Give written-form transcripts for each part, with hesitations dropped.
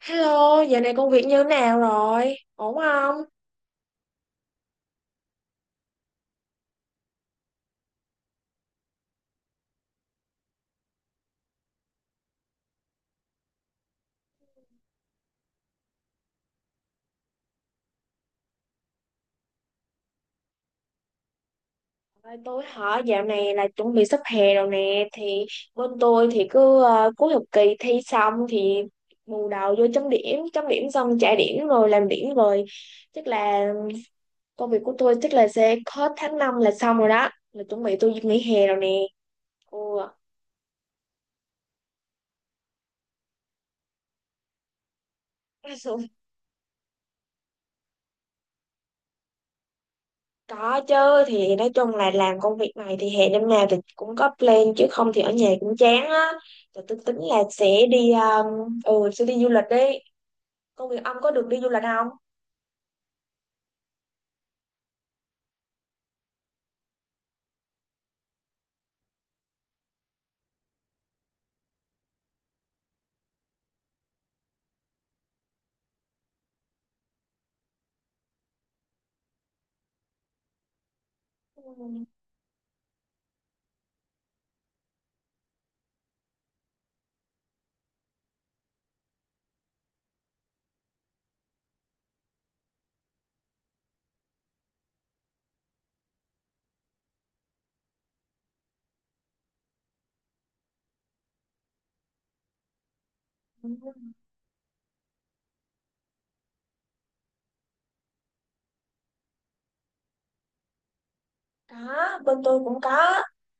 Hello, giờ này công việc như thế nào rồi? Ổn không? Ơi, tôi hỏi dạo này là chuẩn bị sắp hè rồi nè thì bên tôi thì cứ cuối học kỳ thi xong thì bù đầu vô chấm điểm xong trả điểm rồi làm điểm rồi. Chắc là công việc của tôi chắc là sẽ hết tháng 5 là xong rồi đó. Là chuẩn bị tôi nghỉ hè rồi nè. Ừ. Có chứ, thì nói chung là làm công việc này thì hè năm nào thì cũng có plan, chứ không thì ở nhà cũng chán á. Rồi tôi tính là sẽ đi sẽ đi du lịch đi. Công việc ông có được đi du lịch không? Ừ. Có, bên tôi cũng có.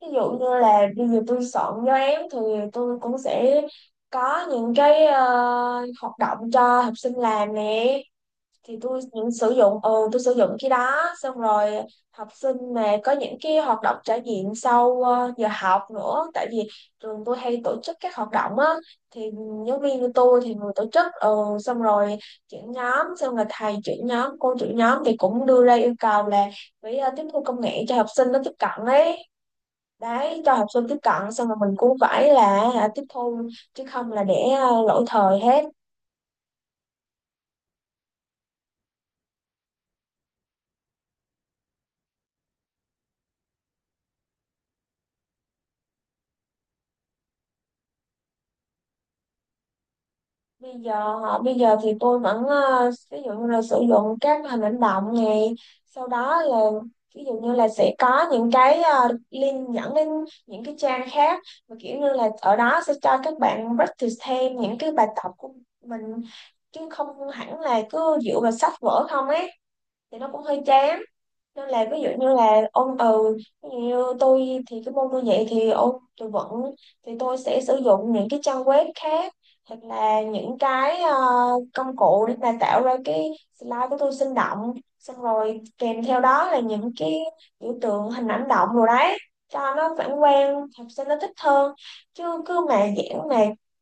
Ví dụ như là bây giờ tôi soạn cho em thì tôi cũng sẽ có những cái hoạt động cho học sinh làm nè. Thì tôi những sử dụng tôi sử dụng cái đó xong rồi. Học sinh mà có những cái hoạt động trải nghiệm sau giờ học nữa, tại vì trường tôi hay tổ chức các hoạt động á, thì giáo viên của tôi thì người tổ chức, xong rồi trưởng nhóm, xong rồi thầy trưởng nhóm cô trưởng nhóm thì cũng đưa ra yêu cầu là phải tiếp thu công nghệ cho học sinh nó tiếp cận ấy. Đấy, cho học sinh tiếp cận xong rồi mình cũng phải là tiếp thu, chứ không là để lỗi thời hết. Bây giờ hả? Bây giờ thì tôi vẫn ví dụ như là sử dụng các hình ảnh động này, sau đó là ví dụ như là sẽ có những cái link dẫn đến những cái trang khác mà kiểu như là ở đó sẽ cho các bạn practice thêm những cái bài tập của mình, chứ không hẳn là cứ dựa vào sách vở không ấy thì nó cũng hơi chán. Nên là ví dụ như là ôn từ, ví dụ như tôi thì cái môn tôi dạy thì ôn tôi vẫn, thì tôi sẽ sử dụng những cái trang web khác hoặc là những cái công cụ để mà tạo ra cái slide của tôi sinh động, xong rồi kèm theo đó là những cái biểu tượng hình ảnh động rồi đấy cho nó phản quang, học sinh nó thích hơn. Chứ cứ mà giảng mà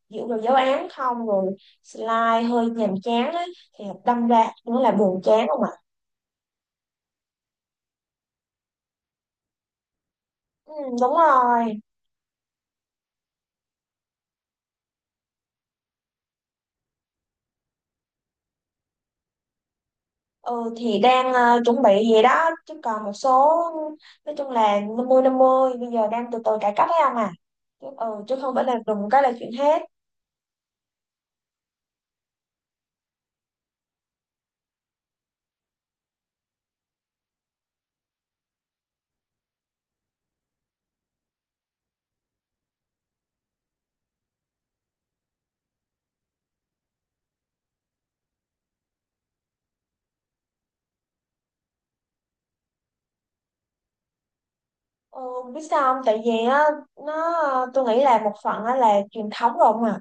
dựa vào giáo án không rồi slide hơi nhàm chán á, thì đâm ra cũng là buồn chán không ạ. Ừ, đúng rồi. Ừ, thì đang chuẩn bị vậy đó, chứ còn một số, nói chung là 50/50, bây giờ đang từ từ cải cách ấy ông à. Chứ không phải là đùng cái là chuyện hết. ừ, Biết sao không, tại vì á, nó, tôi nghĩ là một phần á là truyền thống rồi ông à.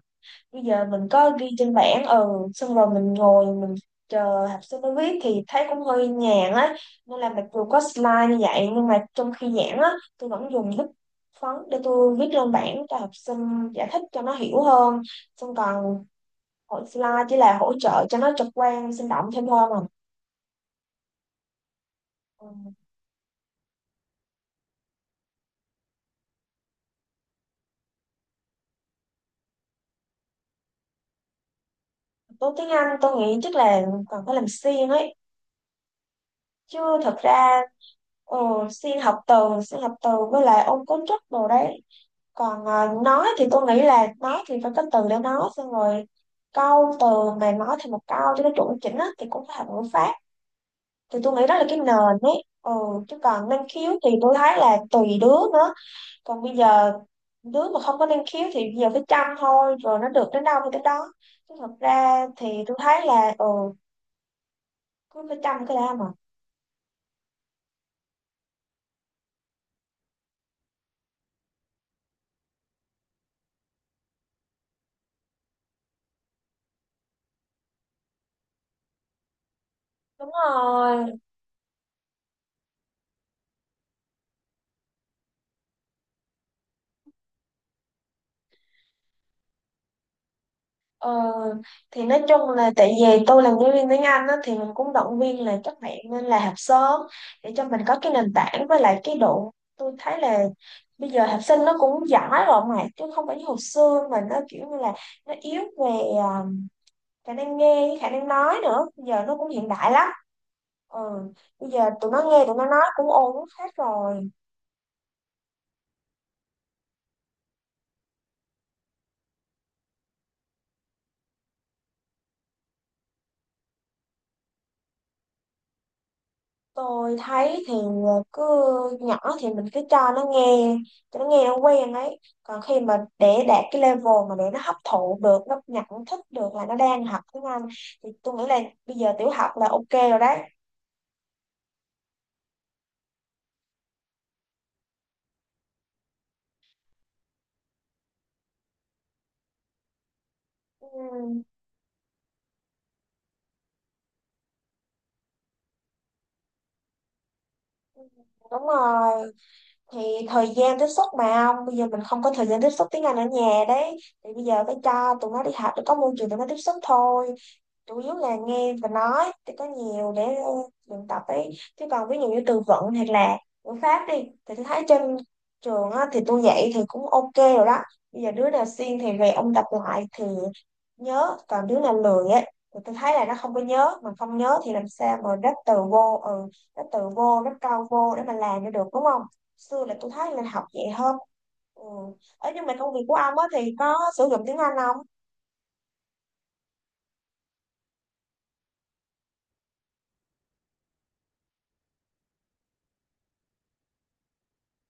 Bây giờ mình có ghi trên bảng, xong rồi mình ngồi mình chờ học sinh nó viết thì thấy cũng hơi nhàn á. Nên là mặc dù có slide như vậy nhưng mà trong khi giảng á, tôi vẫn dùng bút phấn để tôi viết lên bảng cho học sinh, giải thích cho nó hiểu hơn, xong còn hội slide chỉ là hỗ trợ cho nó trực quan sinh động thêm thôi mà. Ừ. Tố tiếng Anh tôi nghĩ chắc là còn phải làm xuyên ấy, chứ thật ra ừ, xuyên học từ, xuyên học từ với lại ôn cấu trúc đồ đấy. Còn nói thì tôi nghĩ là nói thì phải có từ để nói, xong rồi câu từ mà nói thành một câu cho nó chuẩn chỉnh á thì cũng phải học ngữ pháp. Thì tôi nghĩ đó là cái nền ấy, chứ còn năng khiếu thì tôi thấy là tùy đứa nữa. Còn bây giờ đứa mà không có năng khiếu thì bây giờ phải chăm thôi, rồi nó được đến đâu thì đến đó. Chứ thật ra thì tôi thấy là, cứ phải chăm cái đã mà. Đúng rồi. Ờ, thì nói chung là tại vì tôi làm giáo viên tiếng Anh á, thì mình cũng động viên là các bạn nên là học sớm để cho mình có cái nền tảng, với lại cái độ tôi thấy là bây giờ học sinh nó cũng giỏi rồi mà, chứ không phải như hồi xưa mà nó kiểu như là nó yếu về à, khả năng nghe với khả năng nói nữa. Bây giờ nó cũng hiện đại lắm. Ừ. Bây giờ tụi nó nghe tụi nó nói cũng ổn hết rồi. Tôi thấy thì cứ nhỏ thì mình cứ cho nó nghe, cho nó nghe nó quen ấy. Còn khi mà để đạt cái level mà để nó hấp thụ được, nó nhận thức được là nó đang học tiếng Anh thì tôi nghĩ là bây giờ tiểu học là ok rồi đấy. Ừ, đúng rồi. Thì thời gian tiếp xúc mà ông, bây giờ mình không có thời gian tiếp xúc tiếng Anh ở nhà đấy, thì bây giờ phải cho tụi nó đi học để có môi trường tụi nó tiếp xúc thôi. Chủ yếu là nghe và nói thì có nhiều để luyện tập ấy. Chứ còn ví dụ như từ vựng hoặc là ngữ pháp đi thì tôi thấy trên trường á, thì tôi dạy thì cũng ok rồi đó. Bây giờ đứa nào siêng thì về ông tập lại thì nhớ, còn đứa nào lười ấy thì tôi thấy là nó không có nhớ. Mà không nhớ thì làm sao mà ráp từ vô, ráp từ vô ráp câu vô để mà làm cho được, đúng không? Xưa là tôi thấy là học vậy hơn. Ừ. Ở nhưng mà công việc của ông á thì có sử dụng tiếng Anh không?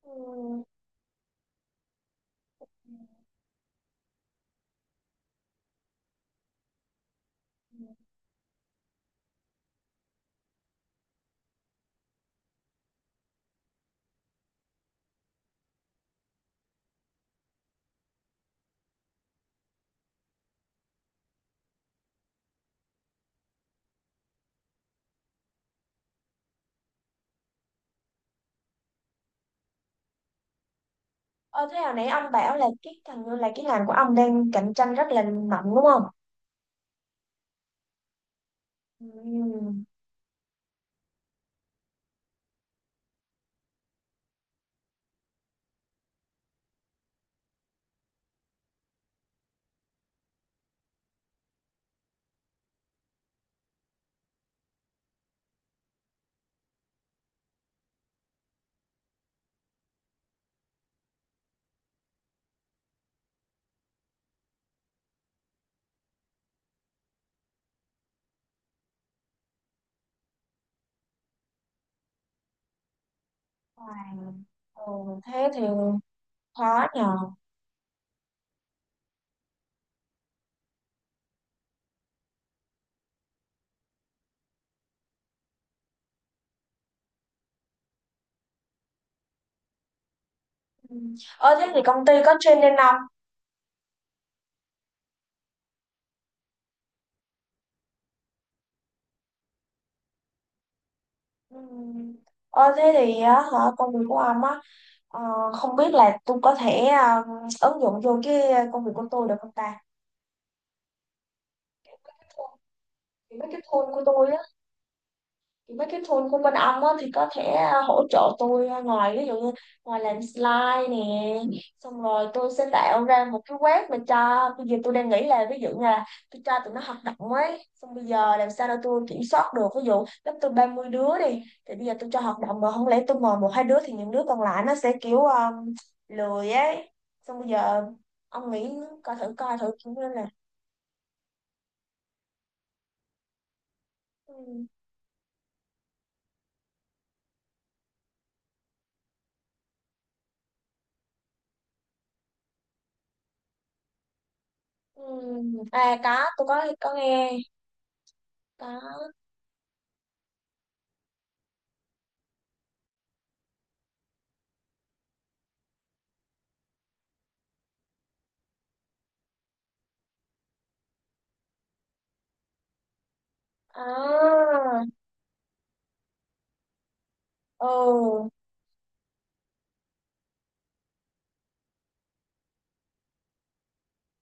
Ừ. Ờ, thế hồi nãy ông bảo là cái thằng là cái ngành của ông đang cạnh tranh rất là mạnh đúng không? Ừ. Wow. Ừ, thế thì khó nhờ. Ừ. Ờ, thế thì công ty có training không? Ừ. Ờ, thế thì á, hả, công việc của ông á, ờ, không biết là tôi có thể ứng dụng vô cái công việc của tôi được không ta? Mấy cái tool của tôi á, mấy cái tool của bên ông á, thì có thể hỗ trợ tôi, ngoài ví dụ như ngoài làm slide nè, xong rồi tôi sẽ tạo ra một cái web mà cho, bây giờ tôi đang nghĩ là ví dụ như là tôi cho tụi nó hoạt động ấy, xong bây giờ làm sao để tôi kiểm soát được. Ví dụ lớp tôi 30 đứa đi, thì bây giờ tôi cho hoạt động mà không lẽ tôi mời một hai đứa thì những đứa còn lại nó sẽ kiểu lười ấy. Xong bây giờ ông nghĩ coi thử, coi thử kiểu như là. Ừ, ừ. À có, tôi có nghe. Có. À, ừ,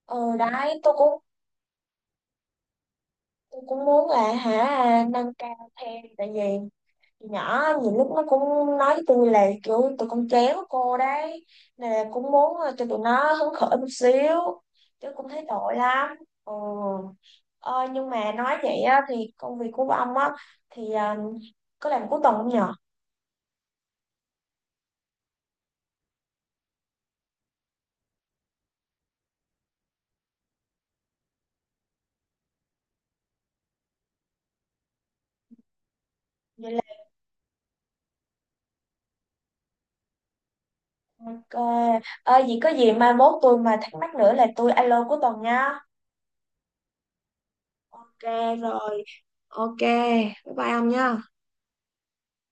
ừ đấy, tôi cũng, tôi cũng muốn là, hả, nâng cao thêm, tại vì từ nhỏ nhiều lúc nó cũng nói với tôi là kiểu tụi con chéo cô đấy, nên là cũng muốn cho tụi nó hứng khởi một xíu, chứ cũng thấy tội lắm. Ừ. ờ, nhưng mà nói vậy á, thì công việc của ông á thì có làm cuối tuần không nhở? Vậy là ok. Ờ, vậy có gì mai mốt tôi mà thắc mắc nữa là tôi alo cuối tuần nha. Ok rồi. Ok, bye bye ông nha.